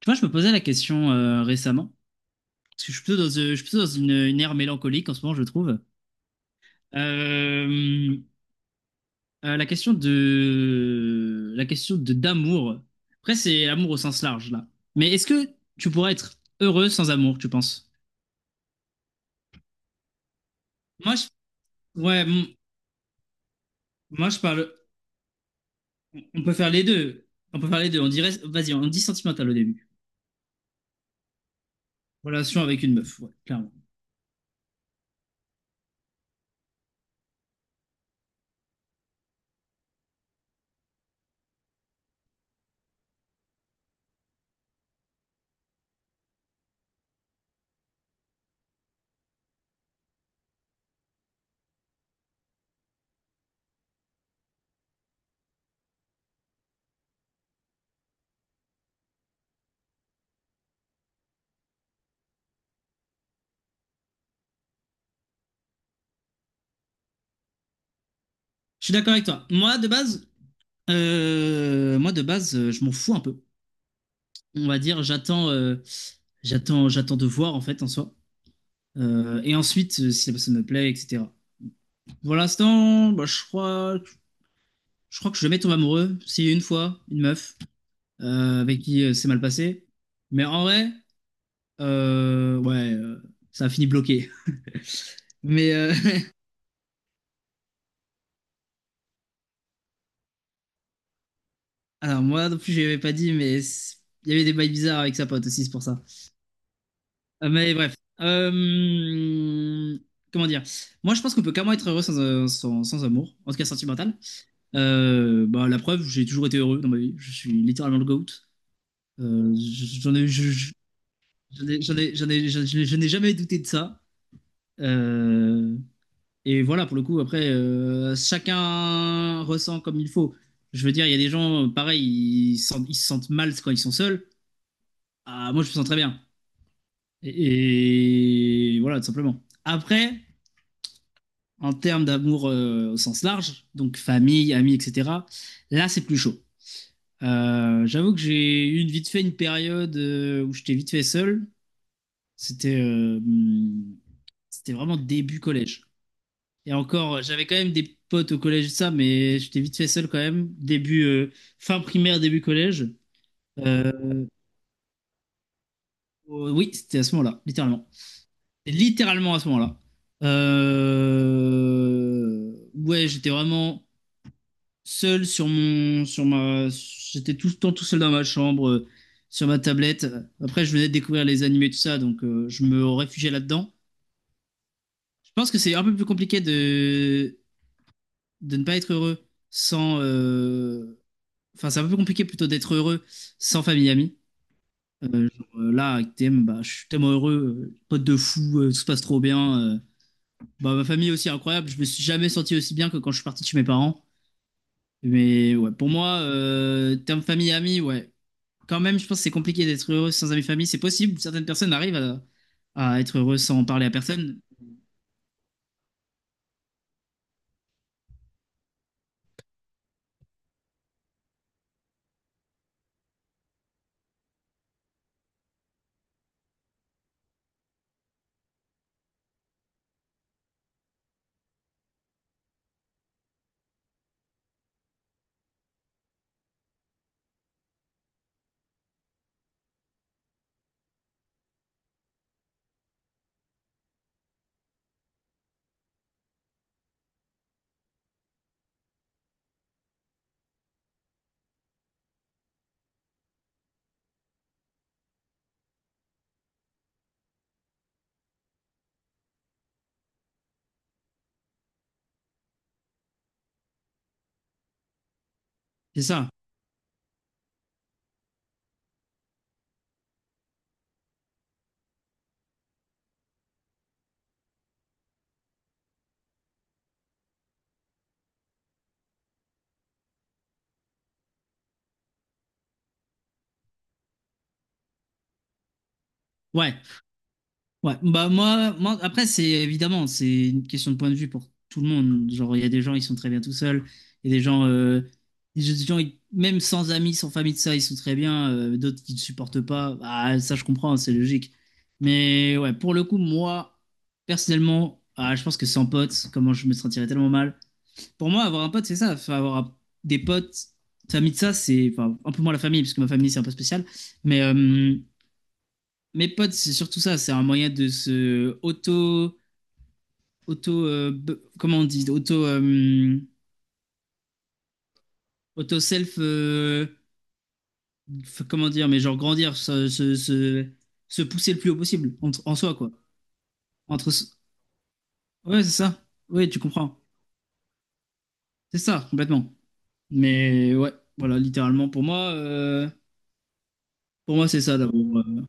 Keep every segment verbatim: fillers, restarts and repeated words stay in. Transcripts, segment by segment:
Tu vois, je me posais la question euh, récemment, parce que je suis plutôt dans, euh, je suis plutôt dans une, une ère mélancolique en ce moment, je trouve. Euh, euh, la question de, la question de d'amour. Après, c'est l'amour au sens large là. Mais est-ce que tu pourrais être heureux sans amour, tu penses? Moi, je, ouais, m- moi je parle. On peut faire les deux. On peut faire les deux. On dirait, vas-y, on dit sentimental au début. Relation avec une meuf, ouais, clairement. Je suis d'accord avec toi. Moi, de base, euh, moi de base, euh, je m'en fous un peu. On va dire, j'attends, euh, j'attends, j'attends de voir en fait en soi. Euh, et ensuite, euh, si la personne me plaît, et cetera. Pour l'instant, bah, je crois, je crois que je vais jamais tomber amoureux. Si une fois, une meuf euh, avec qui euh, c'est mal passé. Mais en vrai, euh, ouais, euh, ça a fini bloqué. Mais euh, alors moi non plus, je l'avais pas dit, mais c- il y avait des bails bizarres avec sa pote aussi, c'est pour ça. Euh, mais bref. Euh, comment dire? Moi, je pense qu'on peut carrément être heureux sans, euh, sans, sans amour, en tout cas sentimental. Euh, bah, la preuve, j'ai toujours été heureux dans ma vie. Je suis littéralement le GOAT. Euh, je- j'en ai, je- je- j'en ai, j'en ai, j'en ai- j'en ai- je n'ai je n'ai jamais douté de ça. Euh, et voilà, pour le coup, après, euh, chacun ressent comme il faut. Je veux dire, il y a des gens, pareil, ils se sentent, ils se sentent mal quand ils sont seuls. Ah, moi, je me sens très bien. Et, et voilà, tout simplement. Après, en termes d'amour, euh, au sens large, donc famille, amis, et cetera, là, c'est plus chaud. Euh, j'avoue que j'ai eu une, vite fait une période euh, où j'étais vite fait seul. C'était euh, hum, C'était vraiment début collège. Et encore, j'avais quand même des potes au collège, et ça, mais j'étais vite fait seul quand même. Début, euh, fin primaire, début collège. Euh, euh, oui, c'était à ce moment-là, littéralement. C'était Littéralement à ce moment-là. Euh, Ouais, j'étais vraiment. seul sur mon, sur ma, j'étais tout le temps tout seul dans ma chambre, euh, sur ma tablette. Après, je venais de découvrir les animés, tout ça, donc euh, je me réfugiais là-dedans. Je pense que c'est un peu plus compliqué de, de ne pas être heureux sans, euh, enfin, c'est un peu plus compliqué plutôt d'être heureux sans famille et amis. Euh, genre, euh, là, avec T M, bah, je suis tellement heureux, euh, pote de fou, euh, tout se passe trop bien. euh. Bah, ma famille aussi incroyable, je me suis jamais senti aussi bien que quand je suis parti de chez mes parents. Mais ouais, pour moi, euh, terme famille et amis, ouais. quand même, je pense que c'est compliqué d'être heureux sans amis famille. C'est possible, certaines personnes arrivent à, à être heureux sans en parler à personne. C'est ça. Ouais, ouais. Bah moi, moi après, c'est évidemment c'est une question de point de vue pour tout le monde. Genre il y a des gens ils sont très bien tout seuls, il y a des gens, euh, il y a des gens ils- même sans amis, sans famille de ça ils sont très bien. euh, d'autres qui ne supportent pas. Bah, ça je comprends, c'est logique. Mais ouais, pour le coup moi personnellement, ah, je pense que sans potes, comment je me sentirais tellement mal. Pour moi, avoir un pote, c'est ça. Enfin, avoir un- des potes, famille de ça, c'est enfin, un peu moins la famille, parce que ma famille, c'est un peu spécial. Mais euh, mes potes, c'est surtout ça. C'est un moyen de se auto, auto, euh, b- comment on dit, auto, euh, auto self, euh, f- comment dire, mais genre grandir, se, se, se, se pousser le plus haut possible en, en soi, quoi. Entre, s- ouais, c'est ça. Oui, tu comprends. C'est ça, complètement. Mais ouais, voilà, littéralement, pour moi, euh, pour moi, c'est ça d'abord. euh.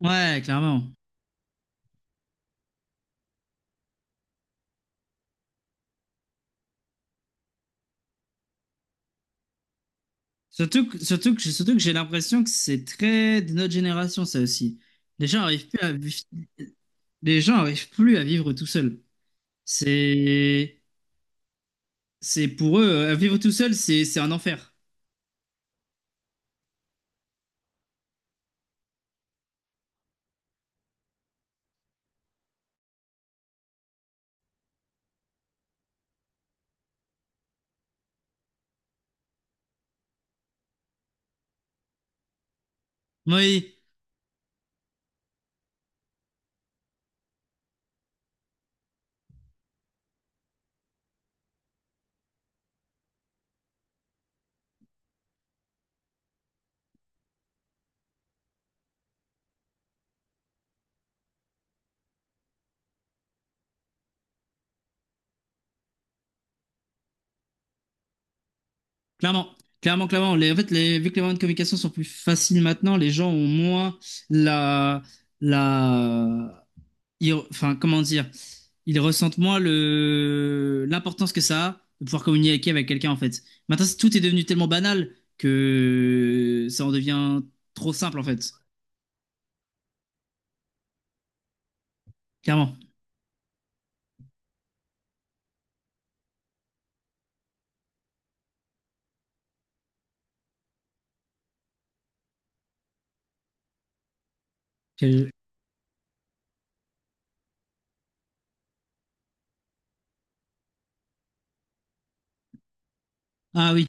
Ouais, clairement. Surtout que, surtout que, surtout que j'ai l'impression que c'est très de notre génération, ça aussi. Les gens arrivent plus à vivre, les gens arrivent plus à vivre tout seuls. C'est, c'est pour eux, euh, vivre tout seul, c'est, c'est un enfer. Oui, clairement. Clairement, clairement. Les, en fait, les, Vu que les moyens de communication sont plus faciles maintenant, les gens ont moins la, la, ils, enfin, comment dire, ils ressentent moins le, l'importance que ça a de pouvoir communiquer avec quelqu'un, en fait. Maintenant, c'est- tout est devenu tellement banal que ça en devient trop simple, en fait. Clairement. Quelle- Ah oui,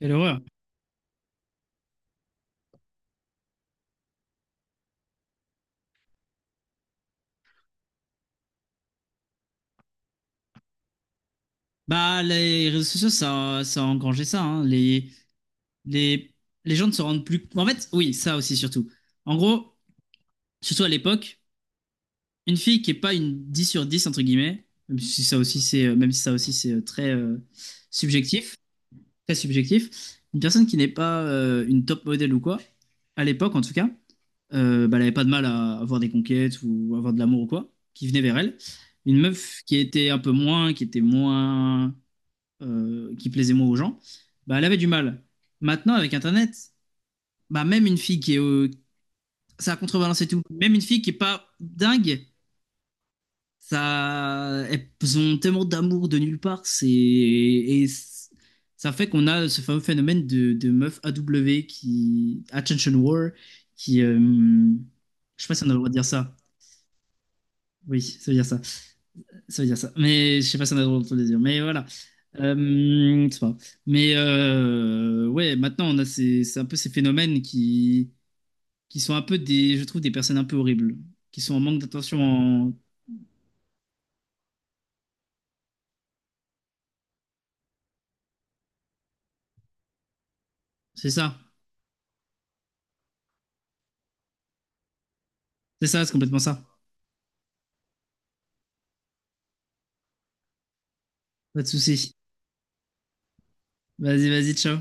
quelle horreur. Bah, les réseaux sociaux, ça, a- ça a engrangé ça, hein. Les, les, les gens ne se rendent plus. En fait, oui, ça aussi, surtout. En gros, surtout à l'époque, une fille qui est pas une dix sur dix entre guillemets, même si ça aussi, c'est, même si ça aussi, c'est euh, très, euh, subjectif. Très subjectif, une personne qui n'est pas euh, une top modèle ou quoi, à l'époque en tout cas, euh, bah, elle n'avait pas de mal à avoir des conquêtes ou avoir de l'amour ou quoi, qui venait vers elle. Une meuf qui était un peu moins, qui était moins, euh, qui plaisait moins aux gens, bah, elle avait du mal. Maintenant, avec Internet, bah, même une fille qui est, euh, ça a contrebalancé tout. Même une fille qui est pas dingue, ça, elles ont tellement d'amour de nulle part, c'est et c- ça fait qu'on a ce fameux phénomène de, de meuf A W qui attention whore qui euh, je sais pas si on a le droit de dire ça. Oui, ça veut dire ça. Ça veut dire ça. Mais je sais pas si on a le droit de le dire. Mais voilà. Euh, c'est pas. grave. Mais euh, ouais, maintenant on a ces, c'est un peu ces phénomènes qui qui sont un peu des, je trouve, des personnes un peu horribles, qui sont en manque d'attention. en- C'est ça. C'est ça, c'est complètement ça. Pas de souci. Vas-y, vas-y, ciao.